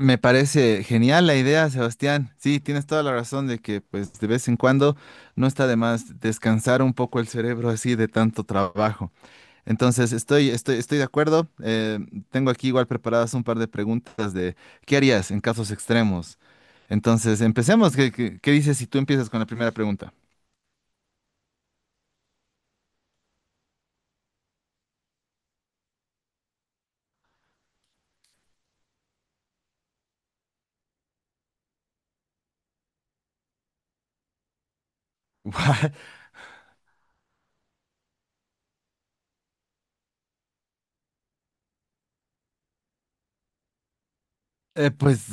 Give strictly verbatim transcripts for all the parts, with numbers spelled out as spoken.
Me parece genial la idea, Sebastián. Sí, tienes toda la razón de que, pues, de vez en cuando no está de más descansar un poco el cerebro así de tanto trabajo. Entonces, estoy, estoy, estoy de acuerdo. Eh, tengo aquí igual preparadas un par de preguntas de ¿qué harías en casos extremos? Entonces, empecemos. ¿Qué, qué- qué dices si tú empiezas con la primera pregunta? eh, pues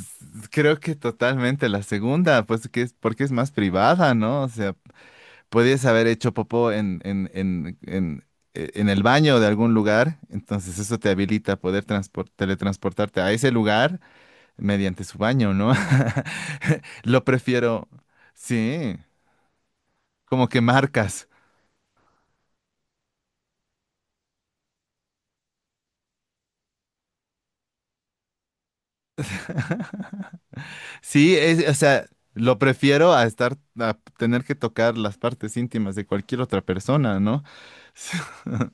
creo que totalmente la segunda, pues que es porque es más privada, ¿no? O sea, podías haber hecho popó en, en, en, en, eh, en el baño de algún lugar, entonces eso te habilita a poder transpor- teletransportarte a ese lugar mediante su baño, ¿no? Lo prefiero, sí, como que marcas. Sí, es, o sea, lo prefiero a estar, a tener que tocar las partes íntimas de cualquier otra persona, ¿no?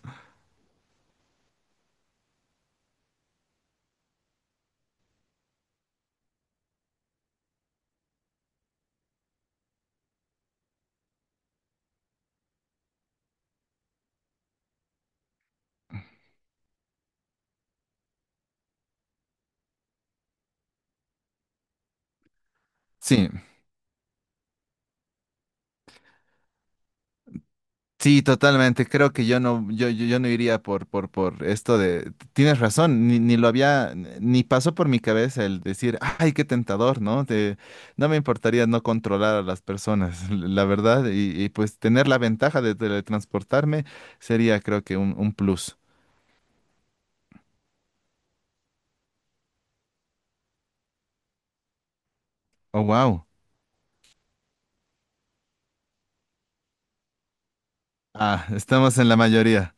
Sí, sí, totalmente. Creo que yo no, yo, yo, yo no iría por, por, por esto de. Tienes razón, ni, ni lo había, ni pasó por mi cabeza el decir, ay, qué tentador, ¿no? De- no me importaría no controlar a las personas, la verdad, y, y, pues tener la ventaja de teletransportarme sería, creo que, un, un plus. Oh, wow. Ah, estamos en la mayoría.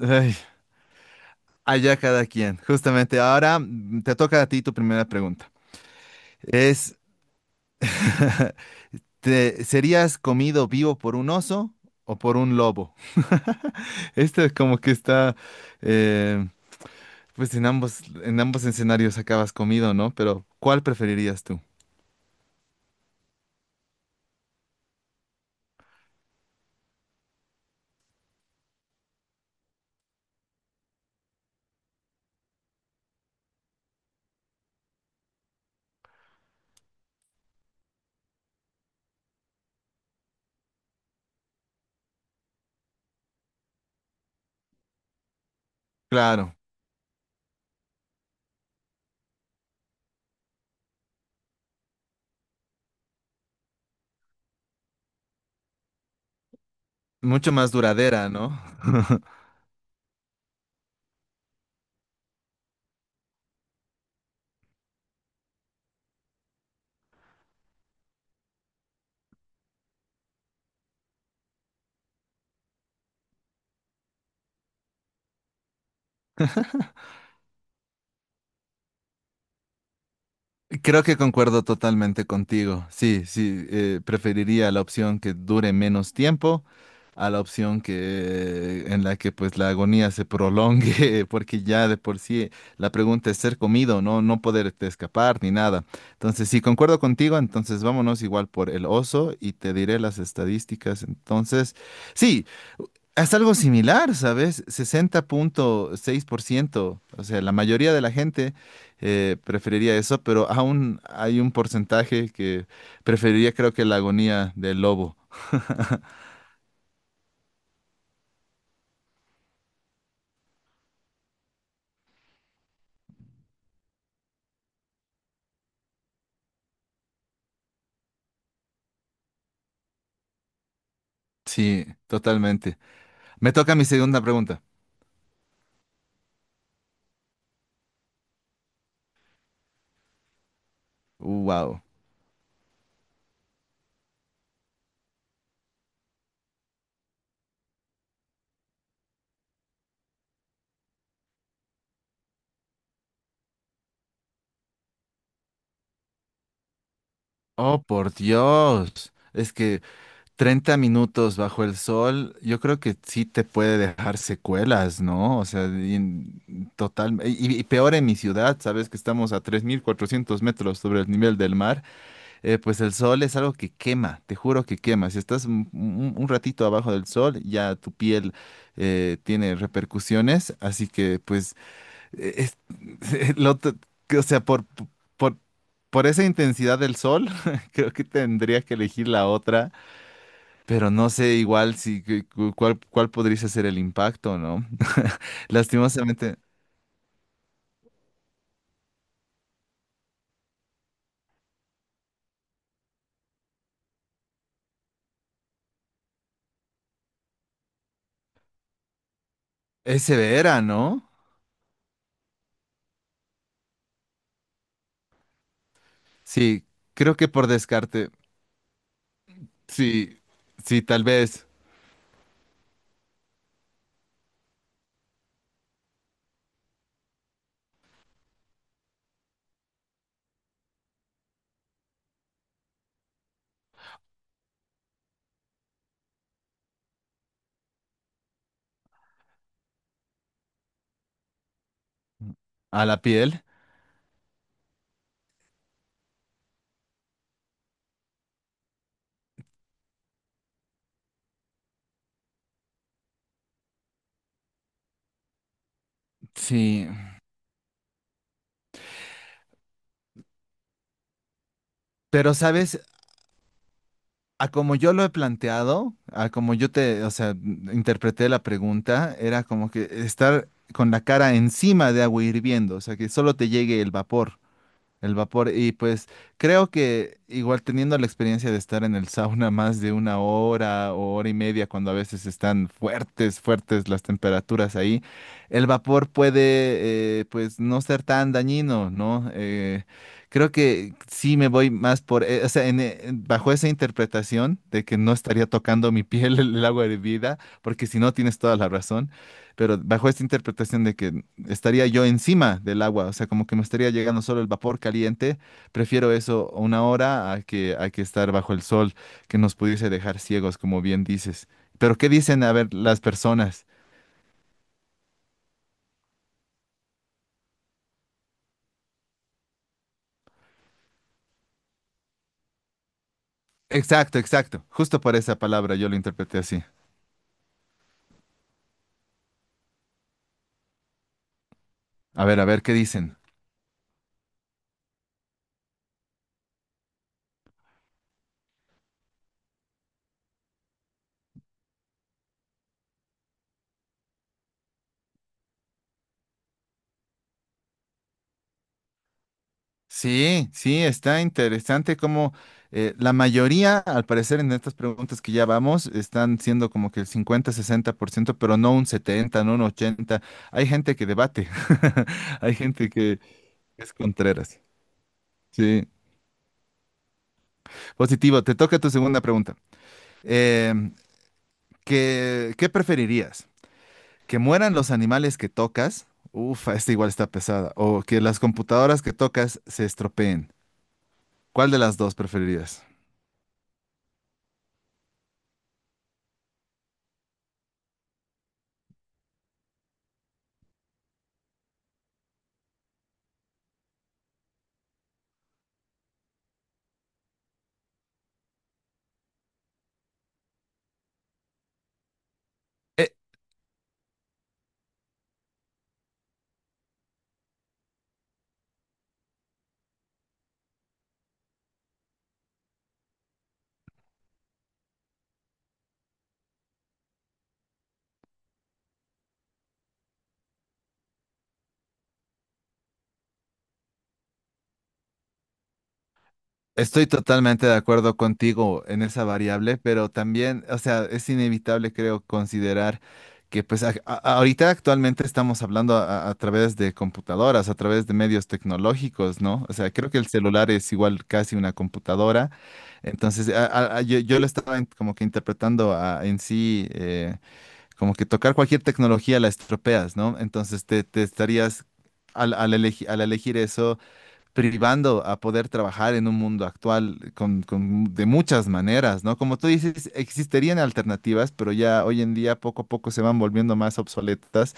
Ay, allá cada quien. Justamente ahora mm, te toca a ti tu primera pregunta. Es. ¿Te serías comido vivo por un oso o por un lobo? Este es como que está, eh, pues en ambos, en ambos escenarios acabas comido, ¿no? Pero ¿cuál preferirías tú? Claro, mucho más duradera, ¿no? Creo que concuerdo totalmente contigo. Sí, sí, eh, preferiría la opción que dure menos tiempo a la opción que en la que pues la agonía se prolongue, porque ya de por sí la pregunta es ser comido, no, no poderte escapar ni nada. Entonces, sí, concuerdo contigo, entonces vámonos igual por el oso y te diré las estadísticas. Entonces, sí, haz algo similar, ¿sabes? sesenta punto seis por ciento. O sea, la mayoría de la gente eh, preferiría eso, pero aún hay un porcentaje que preferiría, creo que la agonía del lobo. Sí, totalmente. Me toca mi segunda pregunta. Wow. Oh, por Dios. Es que treinta minutos bajo el sol, yo creo que sí te puede dejar secuelas, ¿no? O sea, y en- total. Y, y peor en mi ciudad, sabes que estamos a tres mil cuatrocientos metros sobre el nivel del mar, eh, pues el sol es algo que quema, te juro que quema. Si estás un, un- un ratito abajo del sol, ya tu piel eh, tiene repercusiones, así que pues, eh, es, lo t- que, o sea, por, por, por esa intensidad del sol, creo que tendría que elegir la otra, pero no sé igual si cu- cu- cuál, cuál podría ser el impacto, ¿no? Lastimosamente, es severa, ¿no? Sí, creo que por descarte, sí, sí, tal vez a la piel, sí. Pero, ¿sabes? A como yo lo he planteado, a como yo te, o sea, m- interpreté la pregunta, era como que estar con la cara encima de agua hirviendo, o sea, que solo te llegue el vapor. El vapor, y pues creo que igual teniendo la experiencia de estar en el sauna más de una hora o hora y media, cuando a veces están fuertes, fuertes las temperaturas ahí, el vapor puede eh, pues no ser tan dañino, ¿no? Eh, creo que sí me voy más por, eh, o sea, en, eh, bajo esa interpretación de que no estaría tocando mi piel el agua hervida, porque si no tienes toda la razón, pero bajo esta interpretación de que estaría yo encima del agua, o sea, como que me estaría llegando solo el vapor caliente. Prefiero eso una hora a que, a que estar bajo el sol, que nos pudiese dejar ciegos, como bien dices. Pero ¿qué dicen, a ver, las personas? Exacto, exacto. Justo por esa palabra yo lo interpreté así. A ver, a ver, ¿qué dicen? Sí, sí, está interesante como la mayoría, al parecer, en estas preguntas que ya vamos, están siendo como que el cincuenta, sesenta por ciento, pero no un setenta, no un ochenta. Hay gente que debate. Hay gente que es contreras. Sí. Positivo, te toca tu segunda pregunta. Em, ¿qué, qué preferirías? ¿Que mueran los animales que tocas? Ufa, esta igual está pesada. ¿O que las computadoras que tocas se estropeen? ¿Cuál de las dos preferirías? E- estoy totalmente de acuerdo contigo en esa variable, pero también, o sea, es inevitable, creo, considerar que pues a- a- ahorita actualmente estamos hablando a, a través de computadoras, a través de medios tecnológicos, ¿no? O sea, creo que el celular es igual casi una computadora. Entonces, a- a- a- yo, yo lo estaba en- como que interpretando a- en sí, eh, como que tocar cualquier tecnología la estropeas, ¿no? Entonces, te, te estarías, al, al elegi- al elegir eso, privando a poder trabajar en un mundo actual con, con- de muchas maneras, ¿no? Como tú dices, existirían alternativas, pero ya hoy en día poco a poco se van volviendo más obsoletas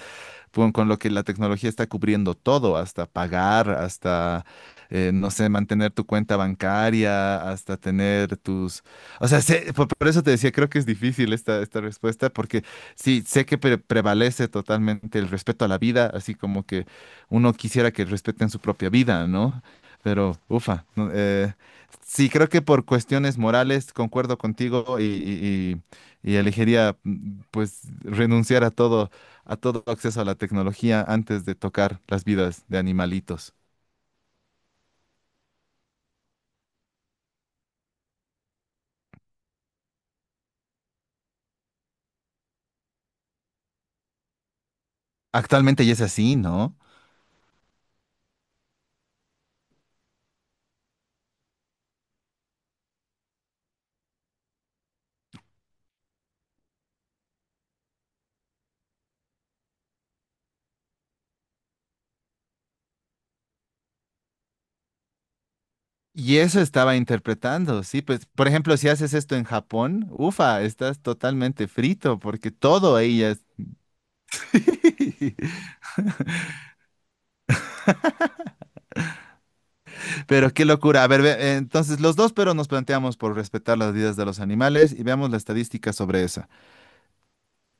con, con lo que la tecnología está cubriendo todo, hasta pagar, hasta, eh, no sé, mantener tu cuenta bancaria, hasta tener tus... O sea, sé- por, por eso te decía, creo que es difícil esta, esta respuesta, porque sí, sé que pre- prevalece totalmente el respeto a la vida, así como que uno quisiera que respeten su propia vida, ¿no? Pero, ufa, no, eh, sí, creo que por cuestiones morales concuerdo contigo y, y- y- y elegiría, mm, pues, renunciar a todo, a todo acceso a la tecnología antes de tocar las vidas de animalitos. Actualmente ya es así, ¿no? Y eso estaba interpretando, sí, pues, por ejemplo, si haces esto en Japón, ufa, estás totalmente frito porque todo ellas. Pero qué locura. A ver, ve- entonces los dos, pero nos planteamos por respetar las vidas de los animales y veamos la estadística sobre esa.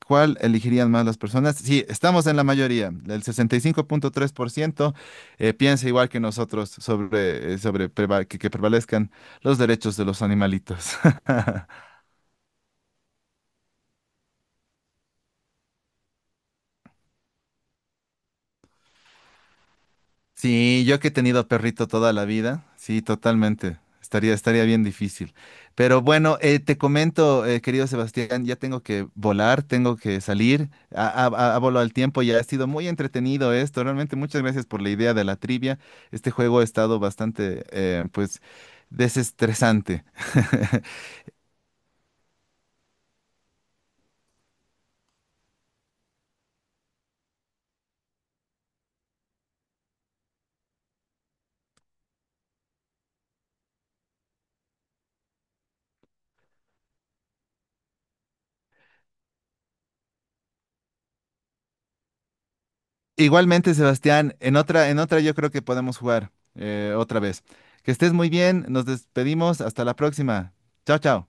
¿Cuál elegirían más las personas? Sí, estamos en la mayoría. El sesenta y cinco punto tres por ciento eh, piensa igual que nosotros sobre, eh, sobre preva- que, que prevalezcan los derechos de los animalitos. Sí, yo que he tenido perrito toda la vida, sí, totalmente. Estaría, estaría bien difícil. Pero bueno, eh, te comento, eh, querido Sebastián, ya tengo que volar, tengo que salir. A, a, a- a volo al tiempo, ya ha sido muy entretenido esto. Realmente muchas gracias por la idea de la trivia. Este juego ha estado bastante, eh, pues, desestresante. Igualmente, Sebastián, en otra, en otra yo creo que podemos jugar eh, otra vez. Que estés muy bien, nos despedimos, hasta la próxima. Chao, chao.